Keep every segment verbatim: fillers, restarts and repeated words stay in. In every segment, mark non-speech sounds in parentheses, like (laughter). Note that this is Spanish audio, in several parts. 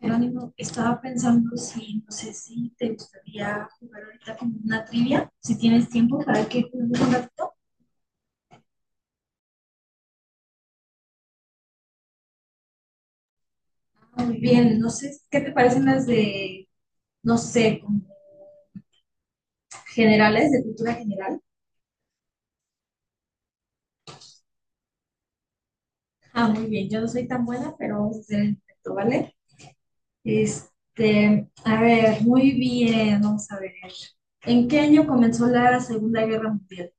Jerónimo, estaba pensando si, no sé si te gustaría jugar ahorita como una trivia, si tienes tiempo para que juguemos un ratito. Ah, muy bien, no sé, ¿qué te parecen las de, no sé, como generales, de cultura general? Ah, muy bien, yo no soy tan buena, pero vamos a hacer el intento, ¿vale? Este, a ver, muy bien, vamos a ver. ¿En qué año comenzó la Segunda Guerra Mundial?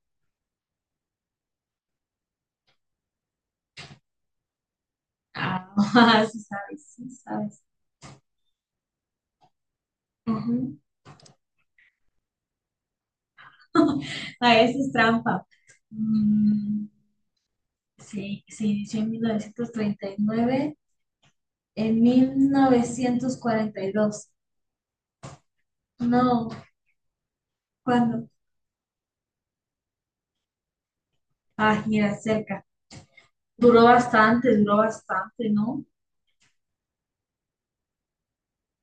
Ah, (laughs) sí sabes, sí sabes. Ujú. (laughs) A veces es trampa. Mm, sí, se inició en mil novecientos treinta y nueve. En mil novecientos cuarenta y dos. No, ¿cuándo? Ah, mira, cerca. Duró bastante, duró bastante, ¿no?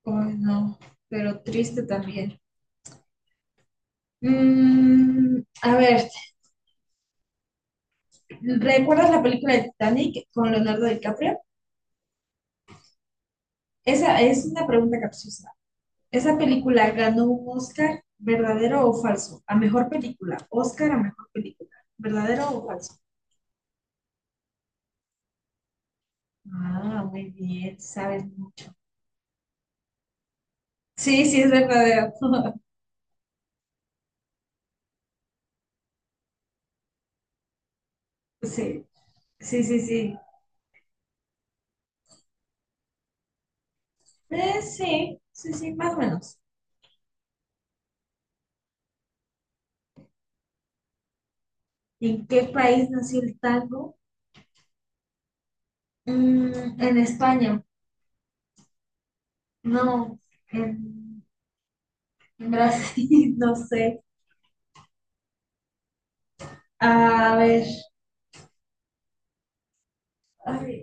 Ay, no, pero triste también. Mm, a ver, ¿recuerdas la película de Titanic con Leonardo DiCaprio? Esa es una pregunta capciosa. Esa película ganó un Oscar, ¿verdadero o falso? A mejor película. Oscar a mejor película. ¿Verdadero o falso? Ah, muy bien, sabes mucho. Sí, sí, es verdadero. (laughs) Sí, sí, sí, sí. Eh, sí, sí, sí, más o menos. ¿En qué país nació el tango? Mm, en España. No, en, en Brasil, (laughs) no sé. A ver, a ver,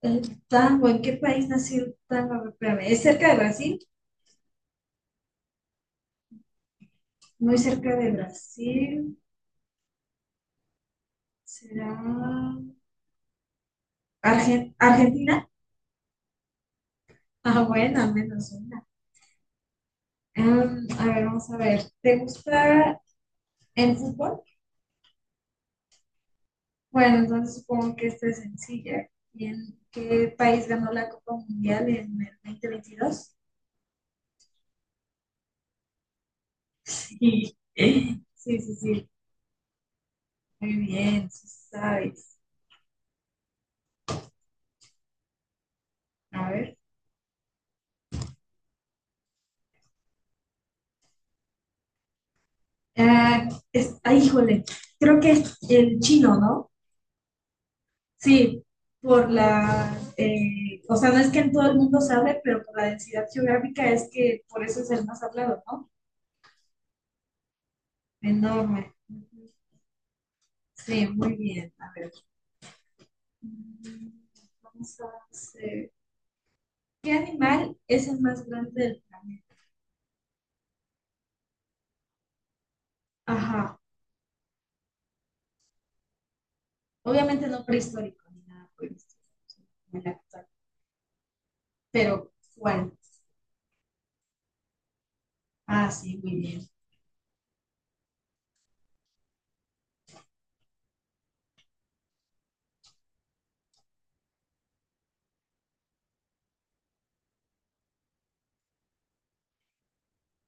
el tango, ¿en qué país nació el tango? A ver, espérame, ¿es cerca de Brasil? Muy cerca de Brasil, será Argen- Argentina. Ah, buena, menos una. Em, a ver, vamos a ver. ¿Te gusta el fútbol? Bueno, entonces supongo que esta es sencilla. ¿Y en qué país ganó la Copa Mundial en el dos mil veintidós? Sí, sí, sí, sí. Muy bien, sí sabes. A ver. Ah, es, ah, híjole, creo que es el chino, ¿no? Sí, por la, eh, o sea, no es que en todo el mundo se hable, pero por la densidad geográfica es que por eso es el más hablado, ¿no? Enorme. Ujú. Sí, muy bien. A ver. Mm, vamos a hacer. ¿Qué animal es el más grande del planeta? Ajá. Obviamente no prehistórico ni nada por el estilo, sino el actual. Pero, ¿cuál? Ah, sí, muy bien.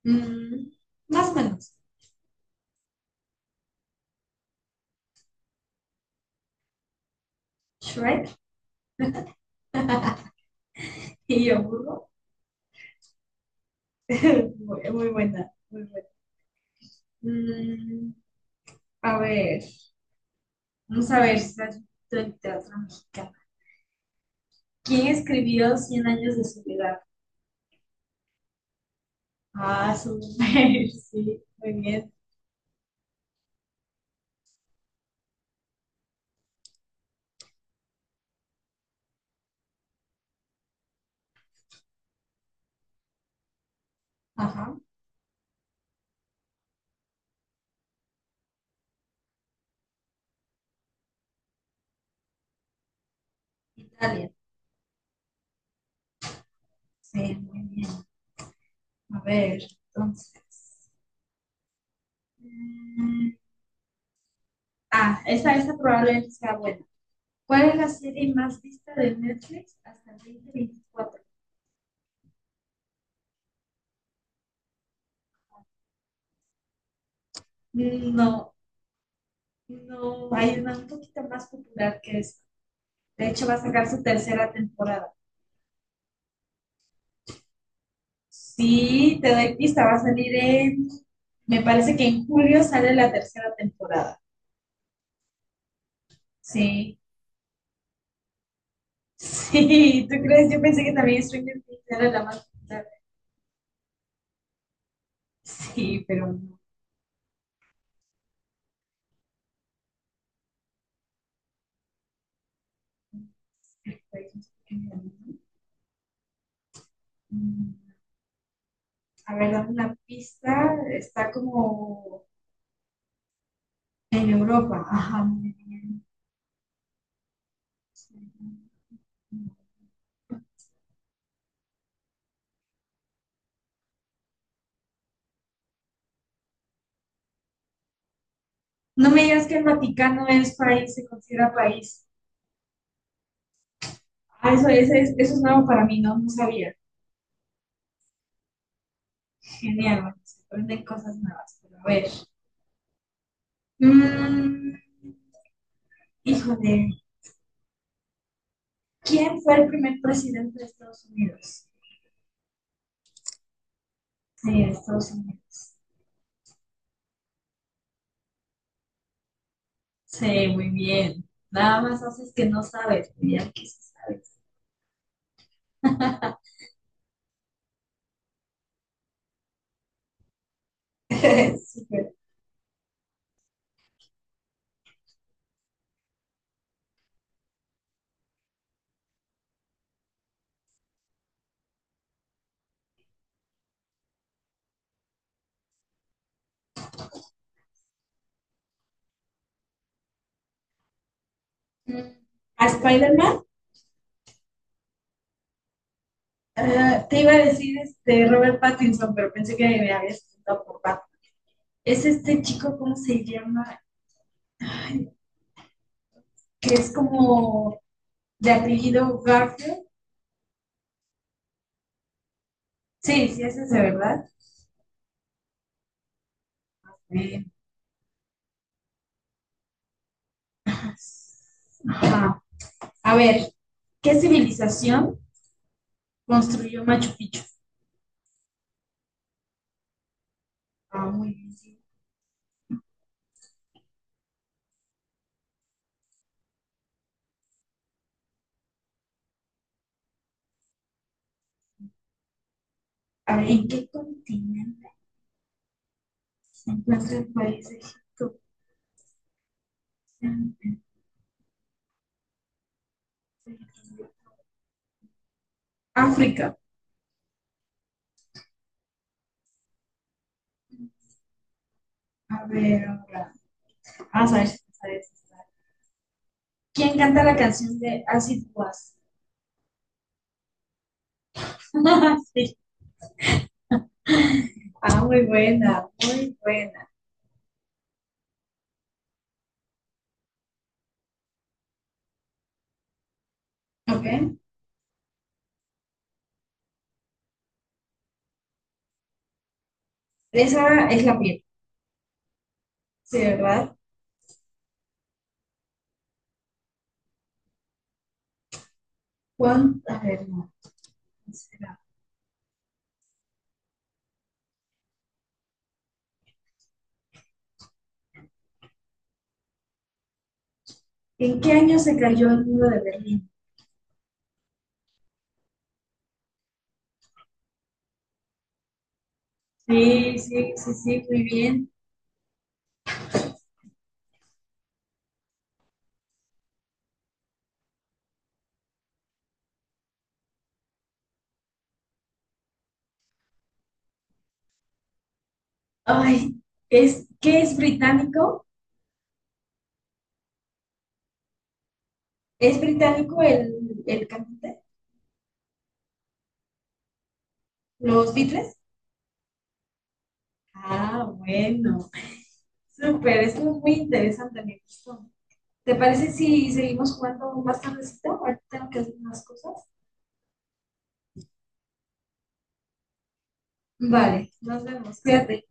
Mm, más o menos. Shrek (laughs) y yo burro. (laughs) Muy, muy buena, muy buena. Mm, a ver, vamos a ver si es del teatro mexicano. ¿Quién escribió Cien años de soledad? Ah, súper, (laughs) sí, muy bien. Ajá, Italia, sí, muy bien. A ver, entonces. Mm, ah, esta, esta probablemente sea buena. ¿Cuál es la serie más vista de Netflix hasta el dos mil veinticuatro? Mm, no, no, hay una un poquito más popular que esta. De hecho, va a sacar su tercera temporada. Sí, te doy pista, va a salir en, me parece que en julio sale la tercera temporada. Sí, sí, ¿tú crees? Yo pensé que también Stranger Things era la más popular. Sí, pero no. Mm, a ver, dame una pista. Está como en Europa. Ajá, muy bien. No me digas que el Vaticano es país, se considera país. Ah, eso, ese es, eso es nuevo para mí, no, no sabía. Genial, bueno, se aprenden cosas nuevas. Pero a ver. Mm, híjole, ¿quién fue el primer presidente de Estados Unidos? Sí, de Estados Unidos. Sí, muy bien. Nada más haces que no sabes, pero ya que sí sabes. (laughs) Súper. Mm, ¿a Spider-Man? Ah, te iba a decir este Robert Pattinson, pero pensé que me habías preguntado por Batman. Es este chico, ¿cómo se llama? Ay, que es como de apellido Garfield. Sí, sí, ese es de verdad. Eh, Ajá. A ver, ¿qué civilización construyó Machu Picchu? Ah, muy bien. Sí. A ver, ¿en qué continente se encuentra el país de Egipto? África. A ver, ahora, vamos a ver si sabes ¿quién canta la canción de Acid Was? (laughs) Sí. Ah, muy buena, muy buena. Ok. Esa es la piel. Sí, ¿verdad? ¿Cuán- A ver, no, no será? ¿En qué año se cayó el muro de Berlín? Sí, sí, sí, sí, muy bien. Ay, es, ¿qué es británico? ¿Es británico el, el cantante? ¿Los Beatles? Ah, bueno. Súper, esto es muy interesante, me gustó. ¿Te parece si seguimos jugando más tardecito? Ahorita tengo que hacer unas cosas. Vale, nos vemos. Cuídate.